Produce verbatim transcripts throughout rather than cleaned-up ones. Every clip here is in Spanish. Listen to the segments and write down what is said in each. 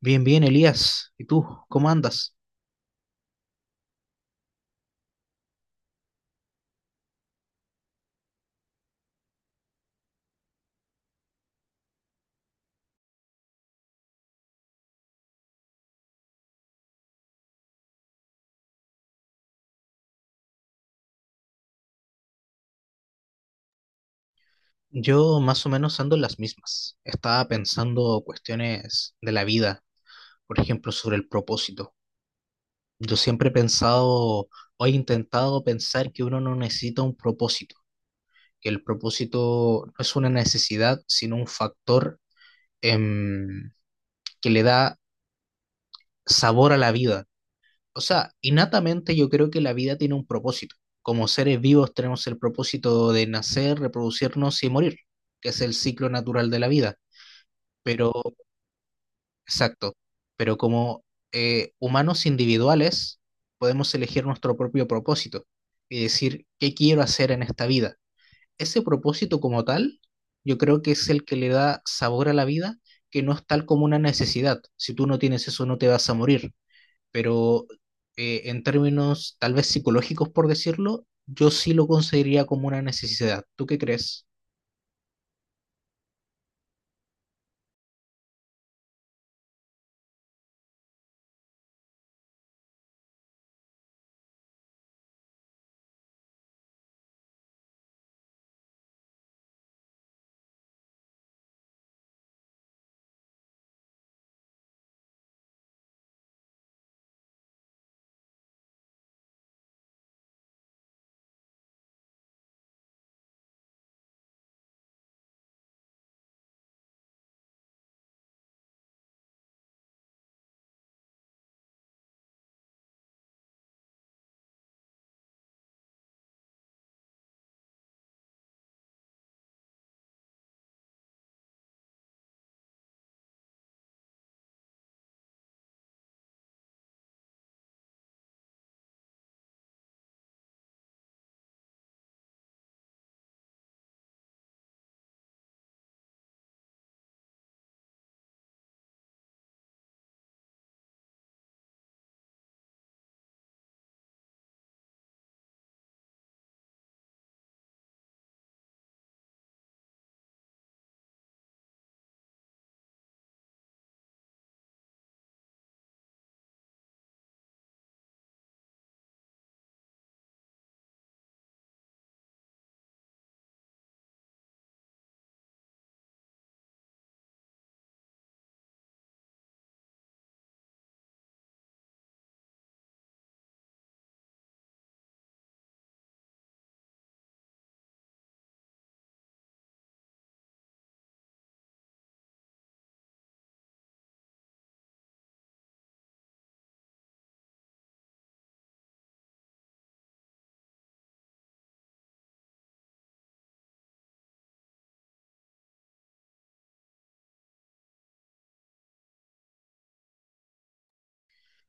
Bien, bien, Elías. ¿Y tú? ¿Cómo andas? Yo más o menos ando en las mismas. Estaba pensando cuestiones de la vida, por ejemplo, sobre el propósito. Yo siempre he pensado o he intentado pensar que uno no necesita un propósito, que el propósito no es una necesidad, sino un factor em, que le da sabor a la vida. O sea, innatamente yo creo que la vida tiene un propósito. Como seres vivos tenemos el propósito de nacer, reproducirnos y morir, que es el ciclo natural de la vida. Pero, exacto, pero como eh, humanos individuales podemos elegir nuestro propio propósito y decir, ¿qué quiero hacer en esta vida? Ese propósito como tal, yo creo que es el que le da sabor a la vida, que no es tal como una necesidad. Si tú no tienes eso, no te vas a morir, pero eh, en términos tal vez psicológicos, por decirlo, yo sí lo consideraría como una necesidad. ¿Tú qué crees?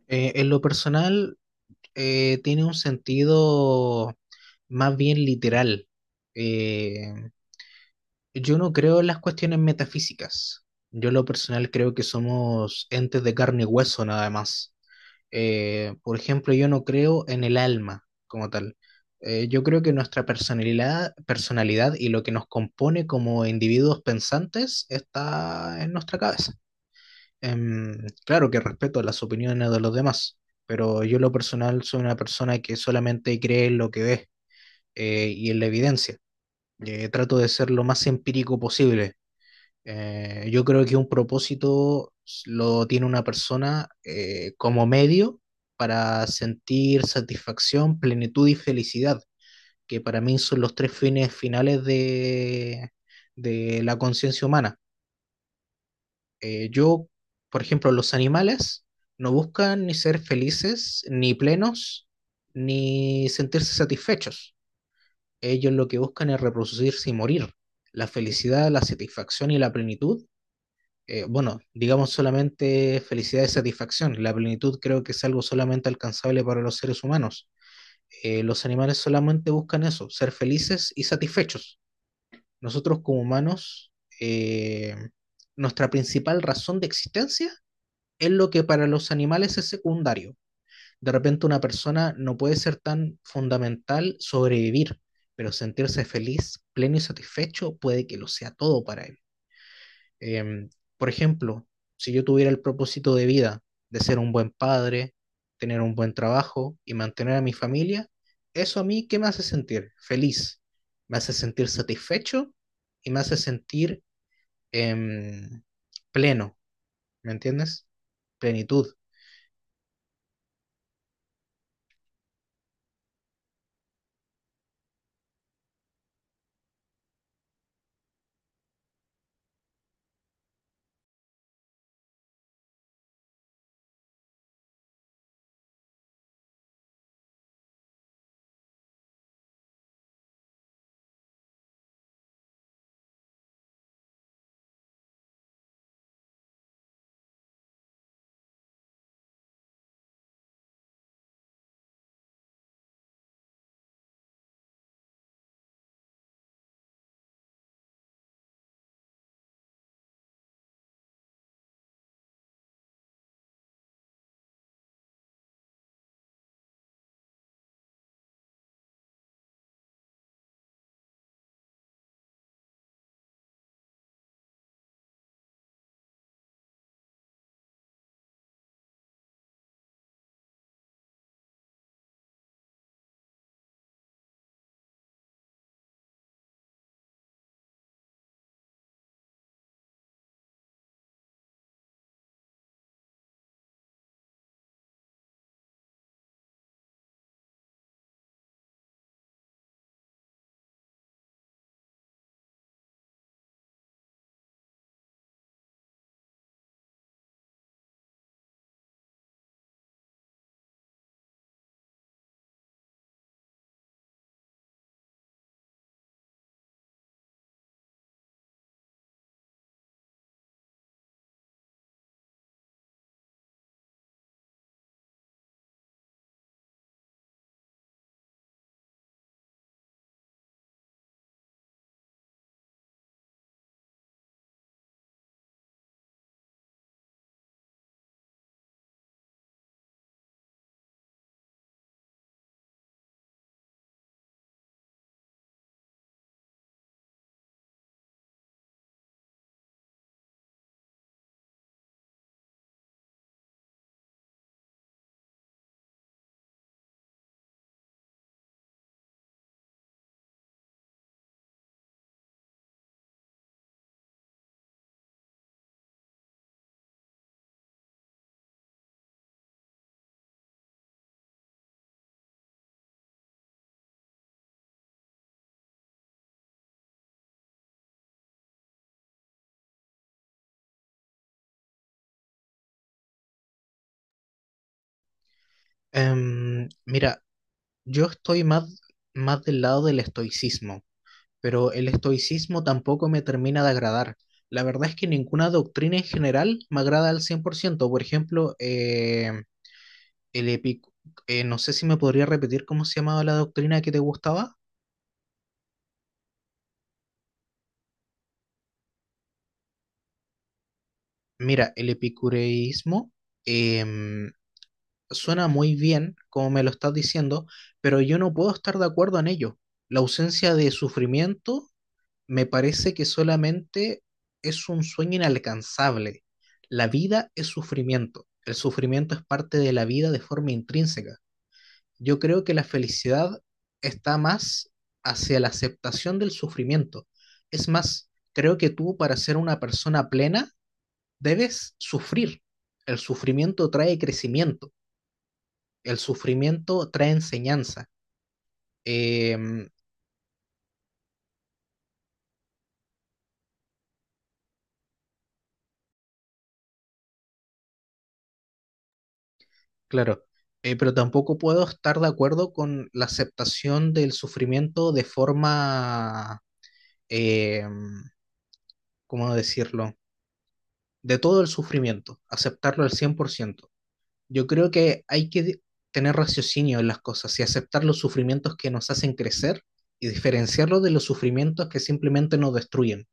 Eh, en lo personal, eh, tiene un sentido más bien literal. Eh, yo no creo en las cuestiones metafísicas. Yo en lo personal creo que somos entes de carne y hueso nada más. Eh, por ejemplo, yo no creo en el alma como tal. Eh, yo creo que nuestra personalidad, personalidad y lo que nos compone como individuos pensantes está en nuestra cabeza. Em, claro que respeto las opiniones de los demás, pero yo en lo personal soy una persona que solamente cree en lo que ve, eh, y en la evidencia. Eh, trato de ser lo más empírico posible. Eh, yo creo que un propósito lo tiene una persona eh, como medio para sentir satisfacción, plenitud y felicidad, que para mí son los tres fines finales de, de la conciencia humana. Eh, yo, por ejemplo, los animales no buscan ni ser felices, ni plenos, ni sentirse satisfechos. Ellos lo que buscan es reproducirse y morir. La felicidad, la satisfacción y la plenitud, eh, bueno, digamos solamente felicidad y satisfacción. La plenitud creo que es algo solamente alcanzable para los seres humanos. Eh, los animales solamente buscan eso, ser felices y satisfechos. Nosotros como humanos, eh, nuestra principal razón de existencia es lo que para los animales es secundario. De repente una persona no puede ser tan fundamental sobrevivir, pero sentirse feliz, pleno y satisfecho puede que lo sea todo para él. Em, por ejemplo, si yo tuviera el propósito de vida de ser un buen padre, tener un buen trabajo y mantener a mi familia, eso a mí, ¿qué me hace sentir? Feliz, me hace sentir satisfecho y me hace sentir em, pleno, ¿me entiendes? Plenitud. Em, mira, yo estoy más, más del lado del estoicismo, pero el estoicismo tampoco me termina de agradar. La verdad es que ninguna doctrina en general me agrada al cien por ciento. Por ciento. Por ejemplo, eh, el epic eh, no sé si me podría repetir cómo se llamaba la doctrina que te gustaba. Mira, el epicureísmo em, suena muy bien, como me lo estás diciendo, pero yo no puedo estar de acuerdo en ello. La ausencia de sufrimiento me parece que solamente es un sueño inalcanzable. La vida es sufrimiento. El sufrimiento es parte de la vida de forma intrínseca. Yo creo que la felicidad está más hacia la aceptación del sufrimiento. Es más, creo que tú para ser una persona plena debes sufrir. El sufrimiento trae crecimiento. El sufrimiento trae enseñanza. Eh, Claro, eh, pero tampoco puedo estar de acuerdo con la aceptación del sufrimiento de forma, eh, ¿cómo decirlo? De todo el sufrimiento, aceptarlo al cien por ciento. Yo creo que hay que di- tener raciocinio en las cosas y aceptar los sufrimientos que nos hacen crecer y diferenciarlos de los sufrimientos que simplemente nos destruyen.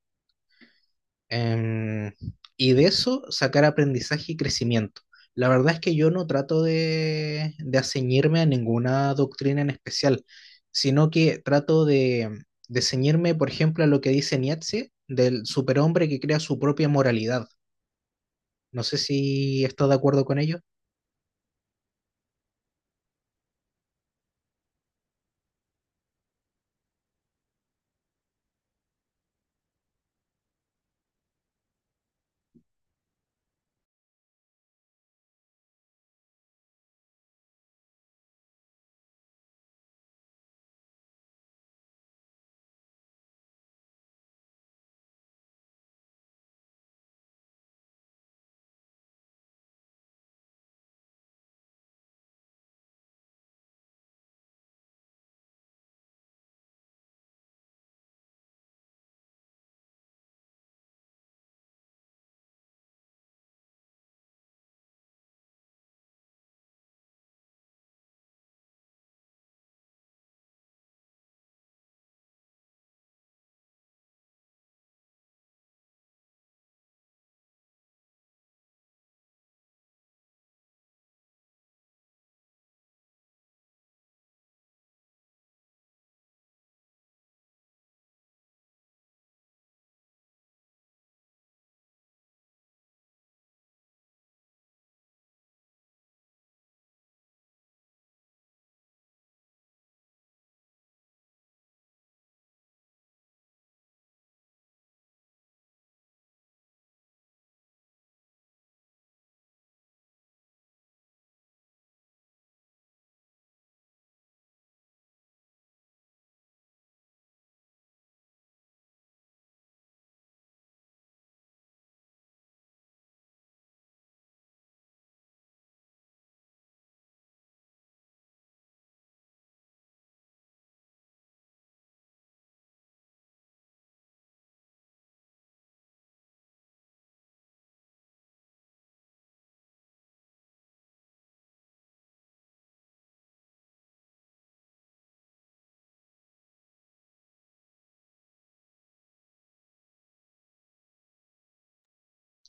Em, y de eso sacar aprendizaje y crecimiento. La verdad es que yo no trato de, de aceñirme a ninguna doctrina en especial, sino que trato de, de ceñirme, por ejemplo, a lo que dice Nietzsche del superhombre que crea su propia moralidad. No sé si estás de acuerdo con ello.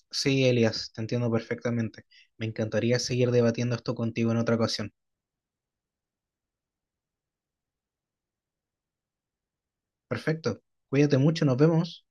Sí, Elias, te entiendo perfectamente. Me encantaría seguir debatiendo esto contigo en otra ocasión. Perfecto. Cuídate mucho, nos vemos.